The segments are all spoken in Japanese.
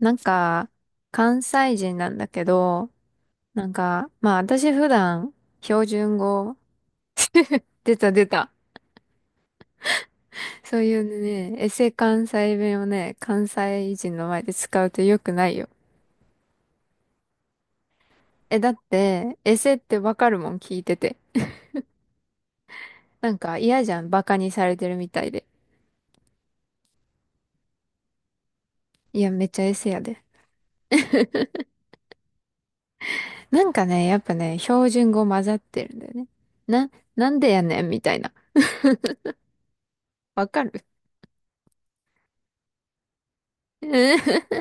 なんか、関西人なんだけど、なんか、まあ私普段、標準語、出た出た。そういうね、エセ関西弁をね、関西人の前で使うと良くないよ。え、だって、エセってわかるもん聞いてて。なんか嫌じゃん、バカにされてるみたいで。いや、めっちゃエセやで。なんかね、やっぱね、標準語混ざってるんだよね。な、なんでやねんみたいな。わかる？ い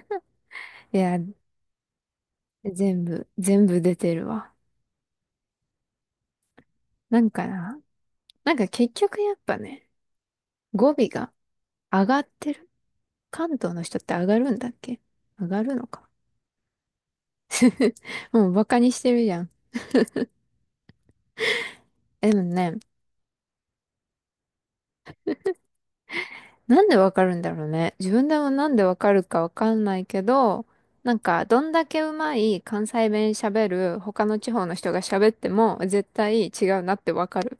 や、全部出てるわ。なんかな。なんか結局やっぱね、語尾が上がってる。関東の人って上がるんだっけ？上がるのか。もうバカにしてるじゃん。でもね、なんでわかるんだろうね。自分でもなんでわかるかわかんないけど、なんかどんだけうまい関西弁喋る他の地方の人が喋っても絶対違うなってわかる。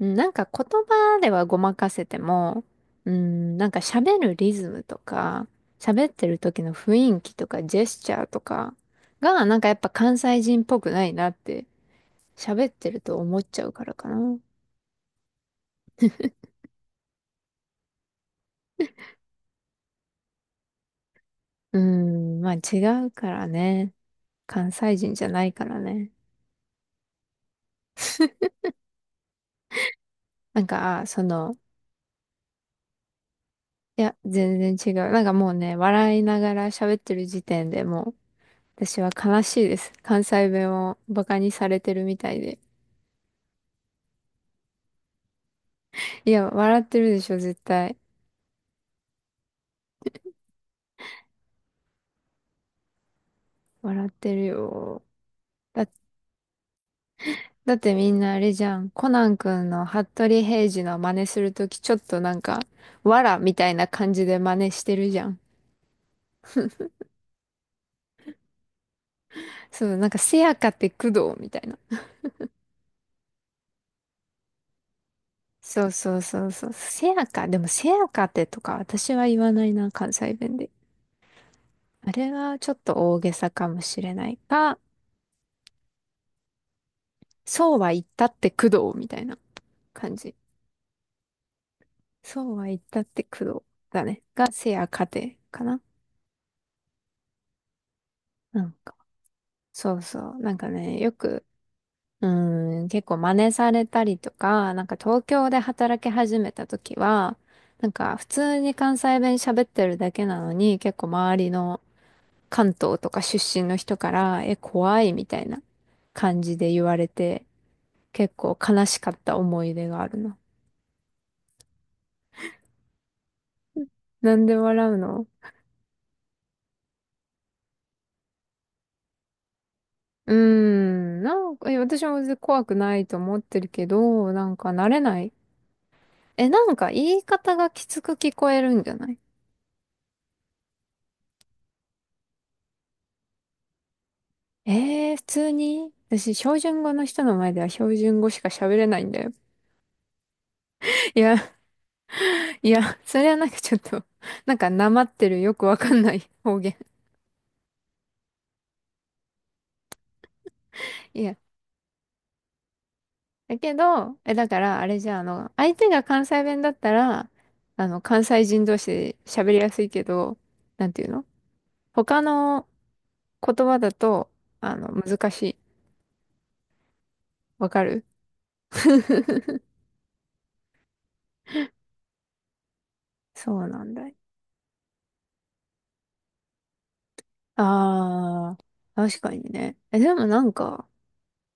うんなんか言葉ではごまかせても、うん、なんか喋るリズムとか、喋ってる時の雰囲気とかジェスチャーとかが、なんかやっぱ関西人っぽくないなって喋ってると思っちゃうからかな。うん、まあ違うからね。関西人じゃないからね。なんか、いや、全然違う。なんかもうね、笑いながら喋ってる時点でもう、私は悲しいです。関西弁をバカにされてるみたいで。いや、笑ってるでしょ、絶対。笑ってるよ。だ、だってみんなあれじゃん。コナン君の服部平次の真似するとき、ちょっとなんか、わらみたいな感じで真似してるじゃん。そう、なんか、せやかって工藤みたいな。そうそうそうそう。せやか、でもせやかってとか私は言わないな、関西弁で。あれはちょっと大げさかもしれないか、そうは言ったって工藤みたいな感じ。そうは言ったって工藤だね。がせやかてかな。うん、そうそう。なんかね、よく、うん、結構真似されたりとか、なんか東京で働き始めた時は、なんか普通に関西弁喋ってるだけなのに、結構周りの関東とか出身の人から、え、怖いみたいな感じで言われて、結構悲しかった思い出があるの。なんで笑うの？なんか、私も別に怖くないと思ってるけど、なんか慣れない。え、なんか言い方がきつく聞こえるんじゃない？ええー、普通に私、標準語の人の前では標準語しか喋れないんだよ。いや、いや、それはなんかちょっと、なんかなまってるよくわかんない方言。いや、だけど、だから、あれじゃあ、相手が関西弁だったら、関西人同士で喋りやすいけど、なんていうの？他の言葉だと、難しい。わかる？ そうなんだよ。ああ、確かにね。え、でもなんか、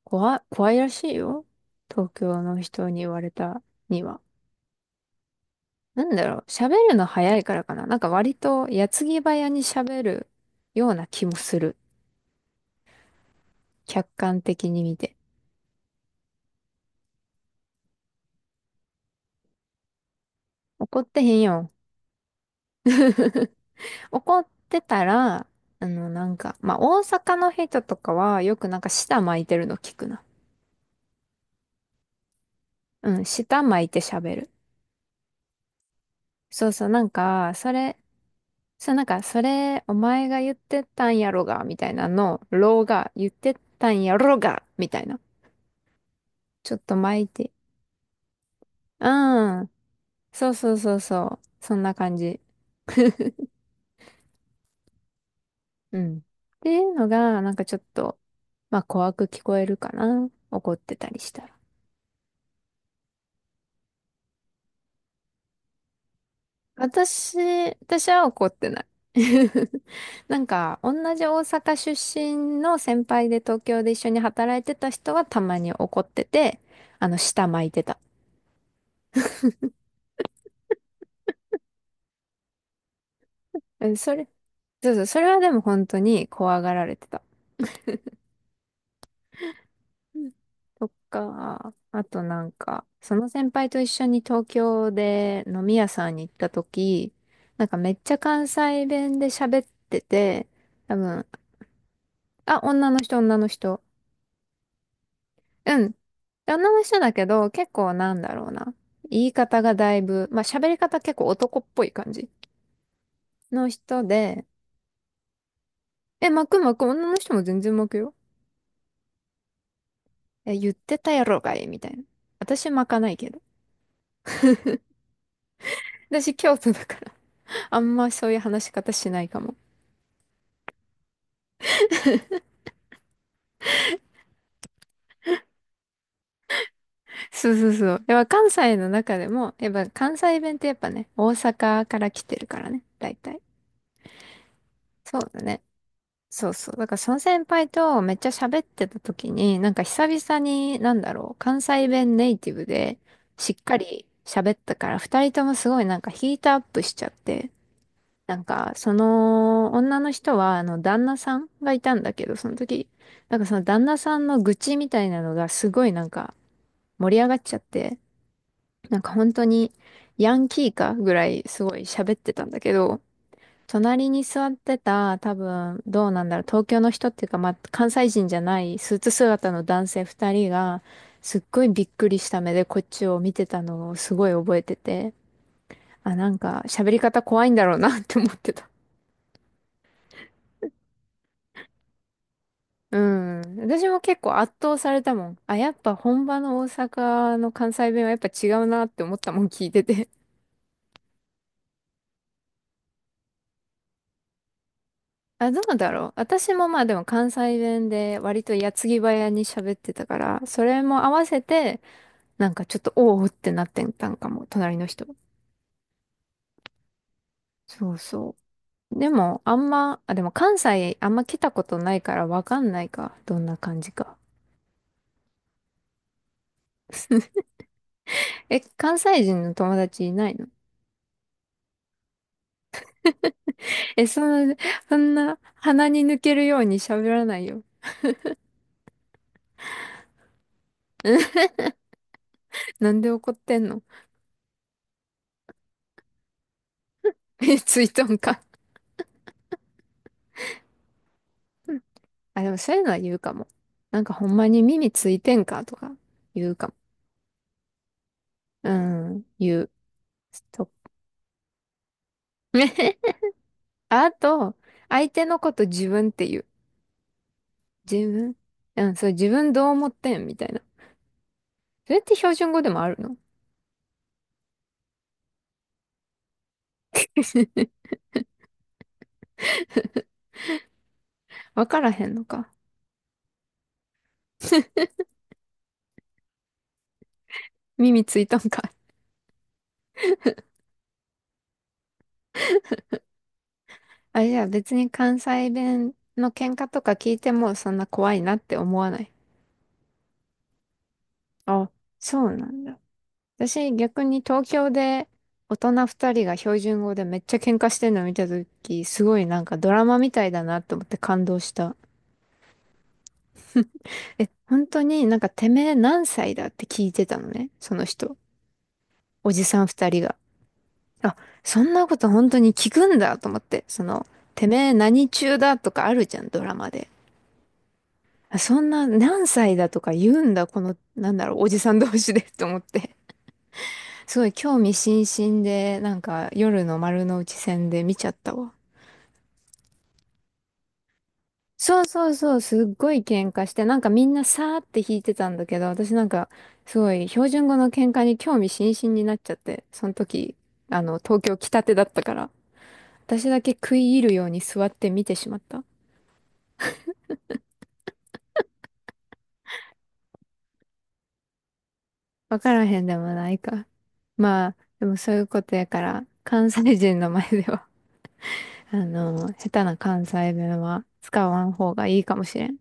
怖いらしいよ。東京の人に言われたには。なんだろう、喋るの早いからかな。なんか割と矢継ぎ早に喋るような気もする。客観的に見て。怒ってへんよ。怒ってたら、なんか、まあ、大阪の人とかはよくなんか舌巻いてるの聞くな。うん、舌巻いて喋る。そうそう、なんか、それ、そう、なんか、それ、お前が言ってたんやろが、みたいなのろが、言ってたんやろが、みたいな。ちょっと巻いて。うん。そうそうそうそう。そんな感じ。うん。っていうのが、なんかちょっと、まあ怖く聞こえるかな。怒ってたりしたら。私、私は怒ってない。なんか、同じ大阪出身の先輩で東京で一緒に働いてた人はたまに怒ってて、舌巻いてた。うん、そうそう、それはでも本当に怖がられてた。とか、あとなんか、その先輩と一緒に東京で飲み屋さんに行った時、なんかめっちゃ関西弁で喋ってて、多分、あ、女の人、女の人。うん。女の人だけど、結構なんだろうな。言い方がだいぶ、まあ喋り方結構男っぽい感じの人で、え、巻く巻く、女の人も全然巻くよ。え、言ってたやろがい、みたいな。私巻かないけど。私京都だから、あんまそういう話し方しないかも。そうそうそう。やっぱ関西の中でも、やっぱ関西弁ってやっぱね、大阪から来てるからね、大体。そうだね。そうそう。だからその先輩とめっちゃ喋ってた時に、なんか久々に、なんだろう、関西弁ネイティブでしっかり喋ったから、二人ともすごいなんかヒートアップしちゃって、なんかその女の人は、旦那さんがいたんだけど、その時、なんかその旦那さんの愚痴みたいなのがすごいなんか盛り上がっちゃって、なんか本当にヤンキーかぐらいすごい喋ってたんだけど、隣に座ってた多分どうなんだろう、東京の人っていうか、まあ、関西人じゃないスーツ姿の男性二人がすっごいびっくりした目でこっちを見てたのをすごい覚えてて、あ、なんか喋り方怖いんだろうなって思ってた。うん。私も結構圧倒されたもん。あ、やっぱ本場の大阪の関西弁はやっぱ違うなって思ったもん聞いてて。あ、どうだろう。私もまあでも関西弁で割と矢継ぎ早に喋ってたから、それも合わせて、なんかちょっとおおってなってたんかも、隣の人。そうそう。でも、でも関西あんま来たことないからわかんないか。どんな感じか。え、関西人の友達いないの？ え、そんな鼻に抜けるように喋らないよ。なんで怒ってんの？ え、ついとんか。あ、でもそういうのは言うかも。なんかほんまに耳ついてんかとか言うかも。うん、言う。と あと、相手のこと自分って言う。自分。うん、そう、自分どう思ってんみたいな。それって標準語でもあるの？ わからへんのか。耳ついたんか。あ、じゃあ別に関西弁の喧嘩とか聞いてもそんな怖いなって思わない。あ、そうなんだ。私逆に東京で大人二人が標準語でめっちゃ喧嘩してるの見たとき、すごいなんかドラマみたいだなと思って感動した。え、本当になんかてめえ何歳だって聞いてたのね、その人。おじさん二人が。あ、そんなこと本当に聞くんだと思って、てめえ何中だとかあるじゃん、ドラマで。あ、そんな何歳だとか言うんだ、なんだろう、おじさん同士で と思って。すごい興味津々で、なんか夜の丸の内線で見ちゃったわ。そうそうそう、すっごい喧嘩して、なんかみんなさーって弾いてたんだけど、私なんか、すごい標準語の喧嘩に興味津々になっちゃって、その時、東京来たてだったから、私だけ食い入るように座って見てしまった。わからへんでもないか。まあ、でもそういうことやから、関西人の前では、下手な関西弁は使わん方がいいかもしれん。